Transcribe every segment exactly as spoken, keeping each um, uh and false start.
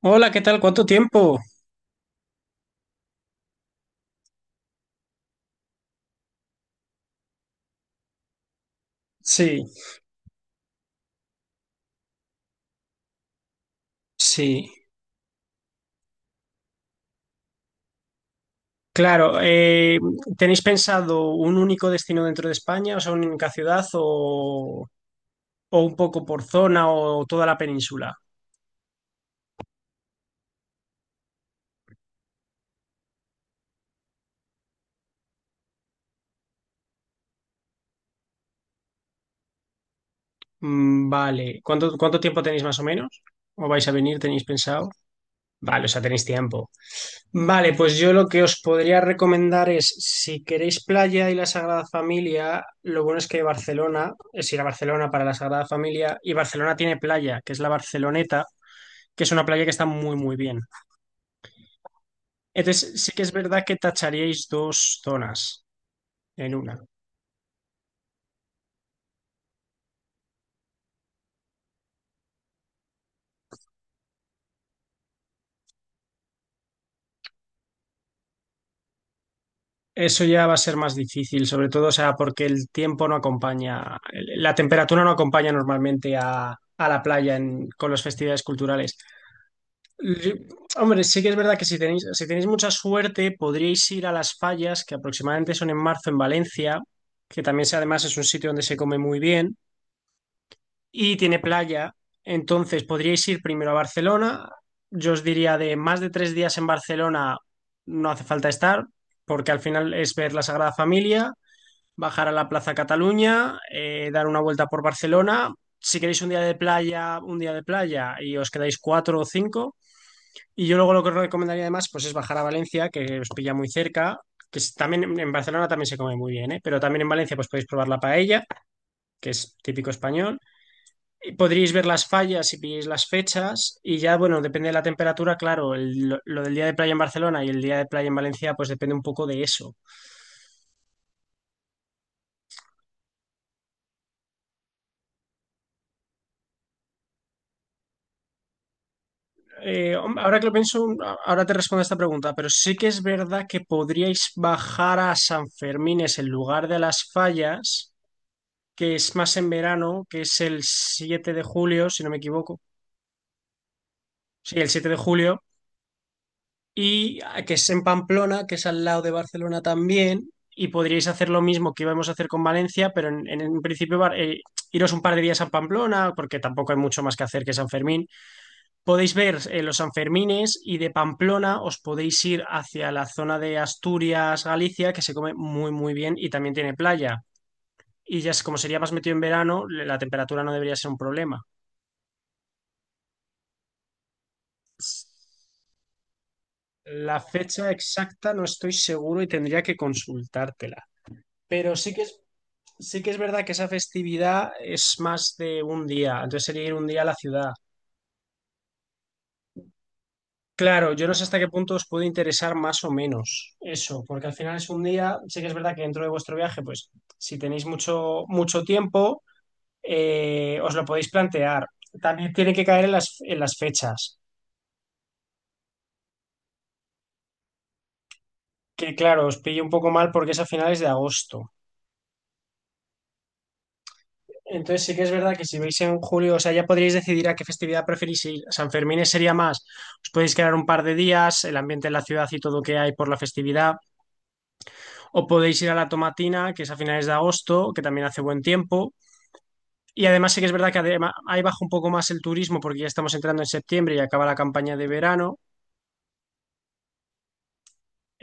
Hola, ¿qué tal? ¿Cuánto tiempo? Sí, sí. Claro, eh, ¿tenéis pensado un único destino dentro de España, o sea, una única ciudad o, o un poco por zona o toda la península? Mm, vale, ¿cuánto, cuánto tiempo tenéis más o menos? ¿O vais a venir? ¿Tenéis pensado? Vale, o sea, tenéis tiempo. Vale, pues yo lo que os podría recomendar es, si queréis playa y la Sagrada Familia, lo bueno es que Barcelona, es ir a Barcelona para la Sagrada Familia, y Barcelona tiene playa, que es la Barceloneta, que es una playa que está muy, muy bien. Entonces, sí que es verdad que tacharíais dos zonas en una. Eso ya va a ser más difícil, sobre todo, o sea, porque el tiempo no acompaña, el- la temperatura no acompaña normalmente a, a la playa en- con las festividades culturales. Yo- Hombre, sí que es verdad que si tenéis, si tenéis mucha suerte, podríais ir a las Fallas, que aproximadamente son en marzo en Valencia, que también se- además es un sitio donde se come muy bien. Y tiene playa. Entonces podríais ir primero a Barcelona. Yo os diría de más de tres días en Barcelona no hace falta estar, porque al final es ver la Sagrada Familia, bajar a la Plaza Cataluña, eh, dar una vuelta por Barcelona. Si queréis un día de playa, un día de playa y os quedáis cuatro o cinco. Y yo luego lo que os recomendaría además pues es bajar a Valencia, que os pilla muy cerca, que es- también en Barcelona también se come muy bien, ¿eh? Pero también en Valencia pues podéis probar la paella, que es típico español y podríais ver las fallas y pilláis las fechas y ya, bueno, depende de la temperatura, claro, el- lo, lo del día de playa en Barcelona y el día de playa en Valencia, pues depende un poco de eso. Eh, hom- ahora que lo pienso, ahora te respondo a esta pregunta, pero sí que es verdad que podríais bajar a San Fermines en lugar de las fallas, que es más en verano, que es el siete de julio, si no me equivoco. Sí, el siete de julio. Y ah, que es en Pamplona, que es al lado de Barcelona también, y podríais hacer lo mismo que íbamos a hacer con Valencia, pero en, en, en principio va- eh, iros un par de días a Pamplona, porque tampoco hay mucho más que hacer que San Fermín. Podéis ver eh, los Sanfermines y de Pamplona os podéis ir hacia la zona de Asturias, Galicia, que se come muy, muy bien y también tiene playa. Y ya es- como sería más metido en verano, la temperatura no debería ser un problema. La fecha exacta no estoy seguro y tendría que consultártela. Pero sí que es Sí que es verdad que esa festividad es más de un día, entonces sería ir un día a la ciudad. Claro, yo no sé hasta qué punto os puede interesar más o menos eso, porque al final es un día, sí que es verdad que dentro de vuestro viaje, pues si tenéis mucho, mucho tiempo, eh, os lo podéis plantear. También tiene que caer en las, en las fechas, que claro, os pille un poco mal porque es a finales de agosto. Entonces sí que es verdad que si veis en julio, o sea, ya podríais decidir a qué festividad preferís ir. San Fermín sería más, os podéis quedar un par de días, el ambiente en la ciudad y todo que hay por la festividad, o podéis ir a la Tomatina, que es a finales de agosto, que también hace buen tiempo. Y además sí que es verdad que adema- ahí baja un poco más el turismo porque ya estamos entrando en septiembre y acaba la campaña de verano.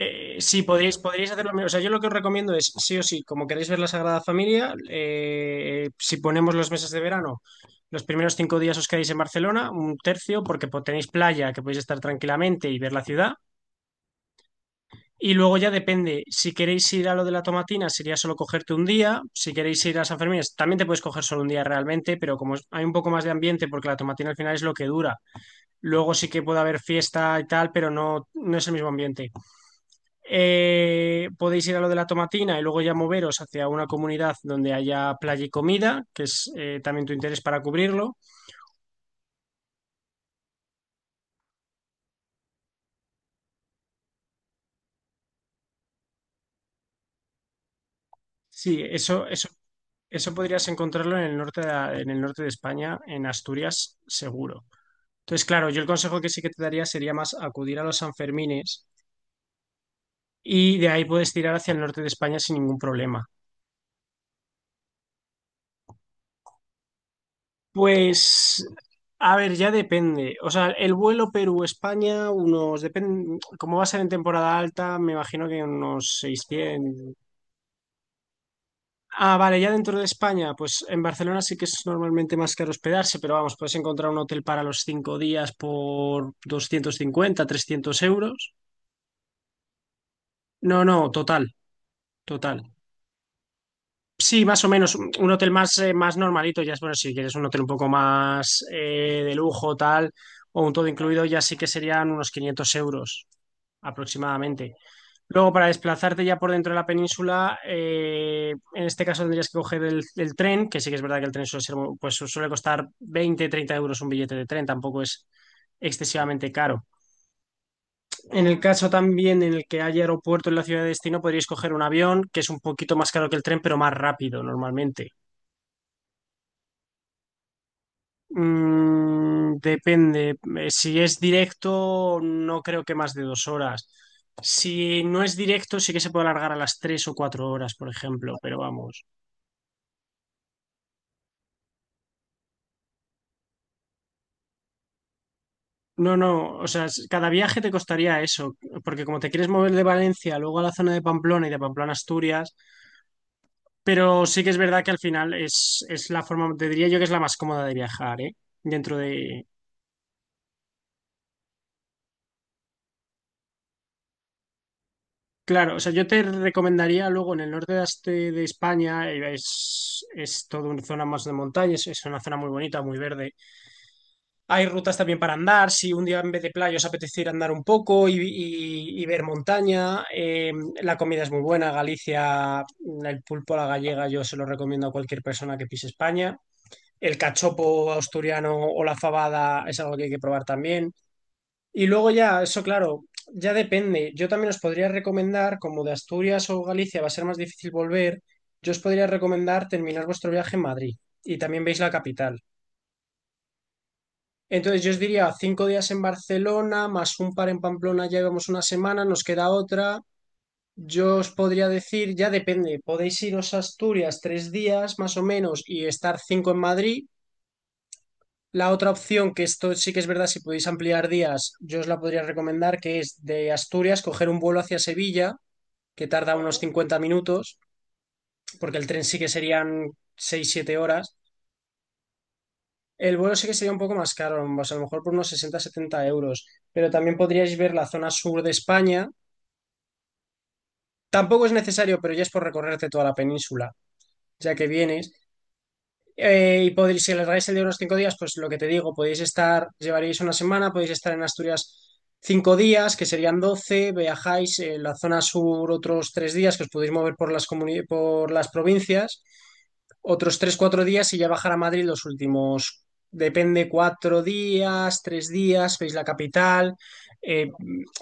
Eh, sí, podríais, podríais hacerlo. O sea, yo lo que os recomiendo es, sí o sí, como queréis ver la Sagrada Familia, eh, si ponemos los meses de verano, los primeros cinco días os quedáis en Barcelona, un tercio, porque po- tenéis playa, que podéis estar tranquilamente y ver la ciudad. Y luego ya depende, si queréis ir a lo de la Tomatina, sería solo cogerte un día. Si queréis ir a San Fermín, también te puedes coger solo un día realmente, pero como es- hay un poco más de ambiente, porque la Tomatina al final es lo que dura. Luego sí que puede haber fiesta y tal, pero no, no es el mismo ambiente. Eh, podéis ir a lo de la tomatina y luego ya moveros hacia una comunidad donde haya playa y comida, que es eh, también tu interés para cubrirlo. Sí, eso, eso, eso podrías encontrarlo en el norte de, la- en el norte de España, en Asturias, seguro. Entonces, claro, yo el consejo que sí que te daría sería más acudir a los Sanfermines y de ahí puedes tirar hacia el norte de España sin ningún problema. Pues, a ver, ya depende. O sea, el vuelo Perú-España, unos, depende, como va a ser en temporada alta, me imagino que unos seiscientos. Ah, vale, ya dentro de España, pues en Barcelona sí que es normalmente más caro hospedarse, pero vamos, puedes encontrar un hotel para los cinco días por doscientos cincuenta, trescientos euros. No, no, total, total. Sí, más o menos. Un un hotel más, eh, más normalito, ya es bueno, si quieres un hotel un poco más eh, de lujo, tal, o un todo incluido, ya sí que serían unos quinientos euros aproximadamente. Luego, para desplazarte ya por dentro de la península, eh, en este caso tendrías que coger el, el tren, que sí que es verdad que el tren suele ser, mu- pues su- suele costar veinte, treinta euros un billete de tren, tampoco es excesivamente caro. En el caso también en el que haya aeropuerto en la ciudad de destino, podrías coger un avión, que es un poquito más caro que el tren, pero más rápido normalmente. Mm, depende. Eh, Si es directo, no creo que más de dos horas. Si no es directo, sí que se puede alargar a las tres o cuatro horas, por ejemplo, pero vamos. No, no, o sea, s- cada viaje te costaría eso, porque como te quieres mover de Valencia, luego a la zona de Pamplona y de Pamplona a Asturias, pero sí que es verdad que al final es, es, la forma, te diría yo que es la más cómoda de viajar, ¿eh? Dentro de, Claro, o sea, yo te recomendaría luego en el norte de, este- de España, eh, es, es toda una zona más de montaña, es, es una zona muy bonita, muy verde. Hay rutas también para andar, si un día en vez de playa os apetece ir a andar un poco y, y- y ver montaña, eh, la comida es muy buena, Galicia, mm, el pulpo a la gallega yo se lo recomiendo a cualquier persona que pise España. El cachopo asturiano o la fabada es algo que hay que probar también. Y luego ya, eso claro, ya depende. Yo también os podría recomendar, como de Asturias o Galicia va a ser más difícil volver, yo os podría recomendar terminar vuestro viaje en Madrid y también veis la capital. Entonces yo os diría cinco días en Barcelona, más un par en Pamplona, ya llevamos una semana, nos queda otra. Yo os podría decir, ya depende, podéis iros a Asturias tres días más o menos y estar cinco en Madrid. La otra opción, que esto sí que es verdad, si podéis ampliar días, yo os la podría recomendar, que es de Asturias coger un vuelo hacia Sevilla, que tarda unos cincuenta minutos, porque el tren sí que serían seis siete horas. El vuelo sí que sería un poco más caro, pues a lo mejor por unos sesenta setenta euros, pero también podríais ver la zona sur de España. Tampoco es necesario, pero ya es por recorrerte toda la península, ya que vienes. Eh, y podéis, si alargáis el de unos cinco días, pues lo que te digo, podéis estar, llevaréis una semana, podéis estar en Asturias cinco días, que serían doce, viajáis en la zona sur otros tres días, que os podéis mover por las, comuni- por las provincias, otros tres, cuatro días y ya bajar a Madrid los últimos, depende, cuatro días, tres días, veis la capital, eh,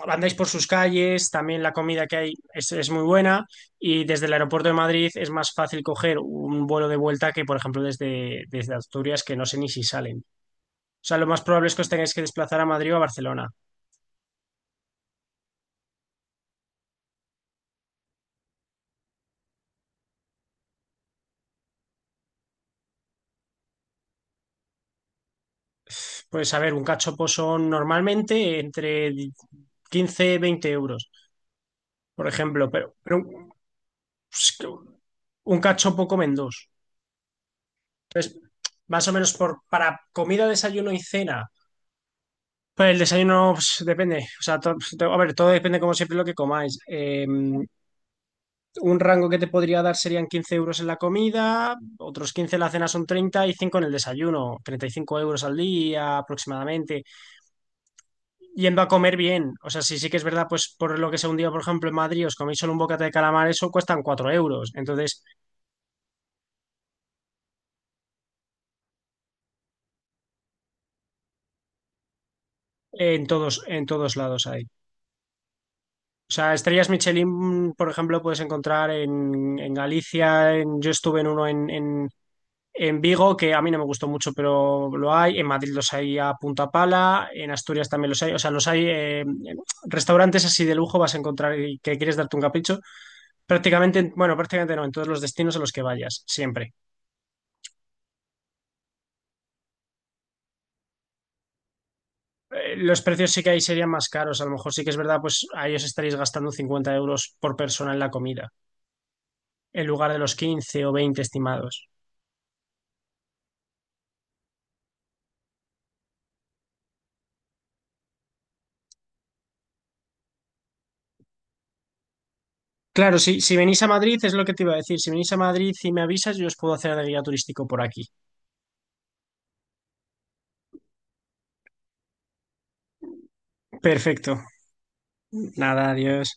andáis por sus calles, también la comida que hay es es muy buena. Y desde el aeropuerto de Madrid es más fácil coger un vuelo de vuelta que, por ejemplo, desde, desde Asturias, que no sé ni si salen. O sea, lo más probable es que os tengáis que desplazar a Madrid o a Barcelona. Pues a ver, un cachopo son normalmente entre quince, veinte euros, por ejemplo, pero, pero pues, que un cachopo comen dos. Entonces, más o menos por, para comida, desayuno y cena. Pues el desayuno pues, depende. O sea, to- to- a ver, todo depende como siempre lo que comáis. Eh, un rango que te podría dar serían quince euros en la comida, otros quince en la cena son treinta y cinco en el desayuno, treinta y cinco euros al día aproximadamente, yendo a comer bien. O sea, sí, sí que es verdad, pues por lo que sea un día, por ejemplo, en Madrid os coméis solo un bocata de calamar, eso cuestan cuatro euros. Entonces, eh, en todos, en todos lados hay. O sea, estrellas Michelin, por ejemplo, puedes encontrar en, en Galicia, en- yo estuve en uno en, en, En Vigo, que a mí no me gustó mucho, pero lo hay. En Madrid los hay a punta pala. En Asturias también los hay. O sea, los hay. Eh, restaurantes así de lujo vas a encontrar y que quieres darte un capricho. Prácticamente, en- bueno, prácticamente no, en todos los destinos a los que vayas, siempre. Eh, los precios sí que ahí serían más caros. A lo mejor sí que es verdad, pues ahí os estaréis gastando cincuenta euros por persona en la comida, en lugar de los quince o veinte estimados. Claro, sí, si venís a Madrid, es lo que te iba a decir. Si venís a Madrid y me avisas, yo os puedo hacer de guía turístico por aquí. Perfecto. Nada, adiós.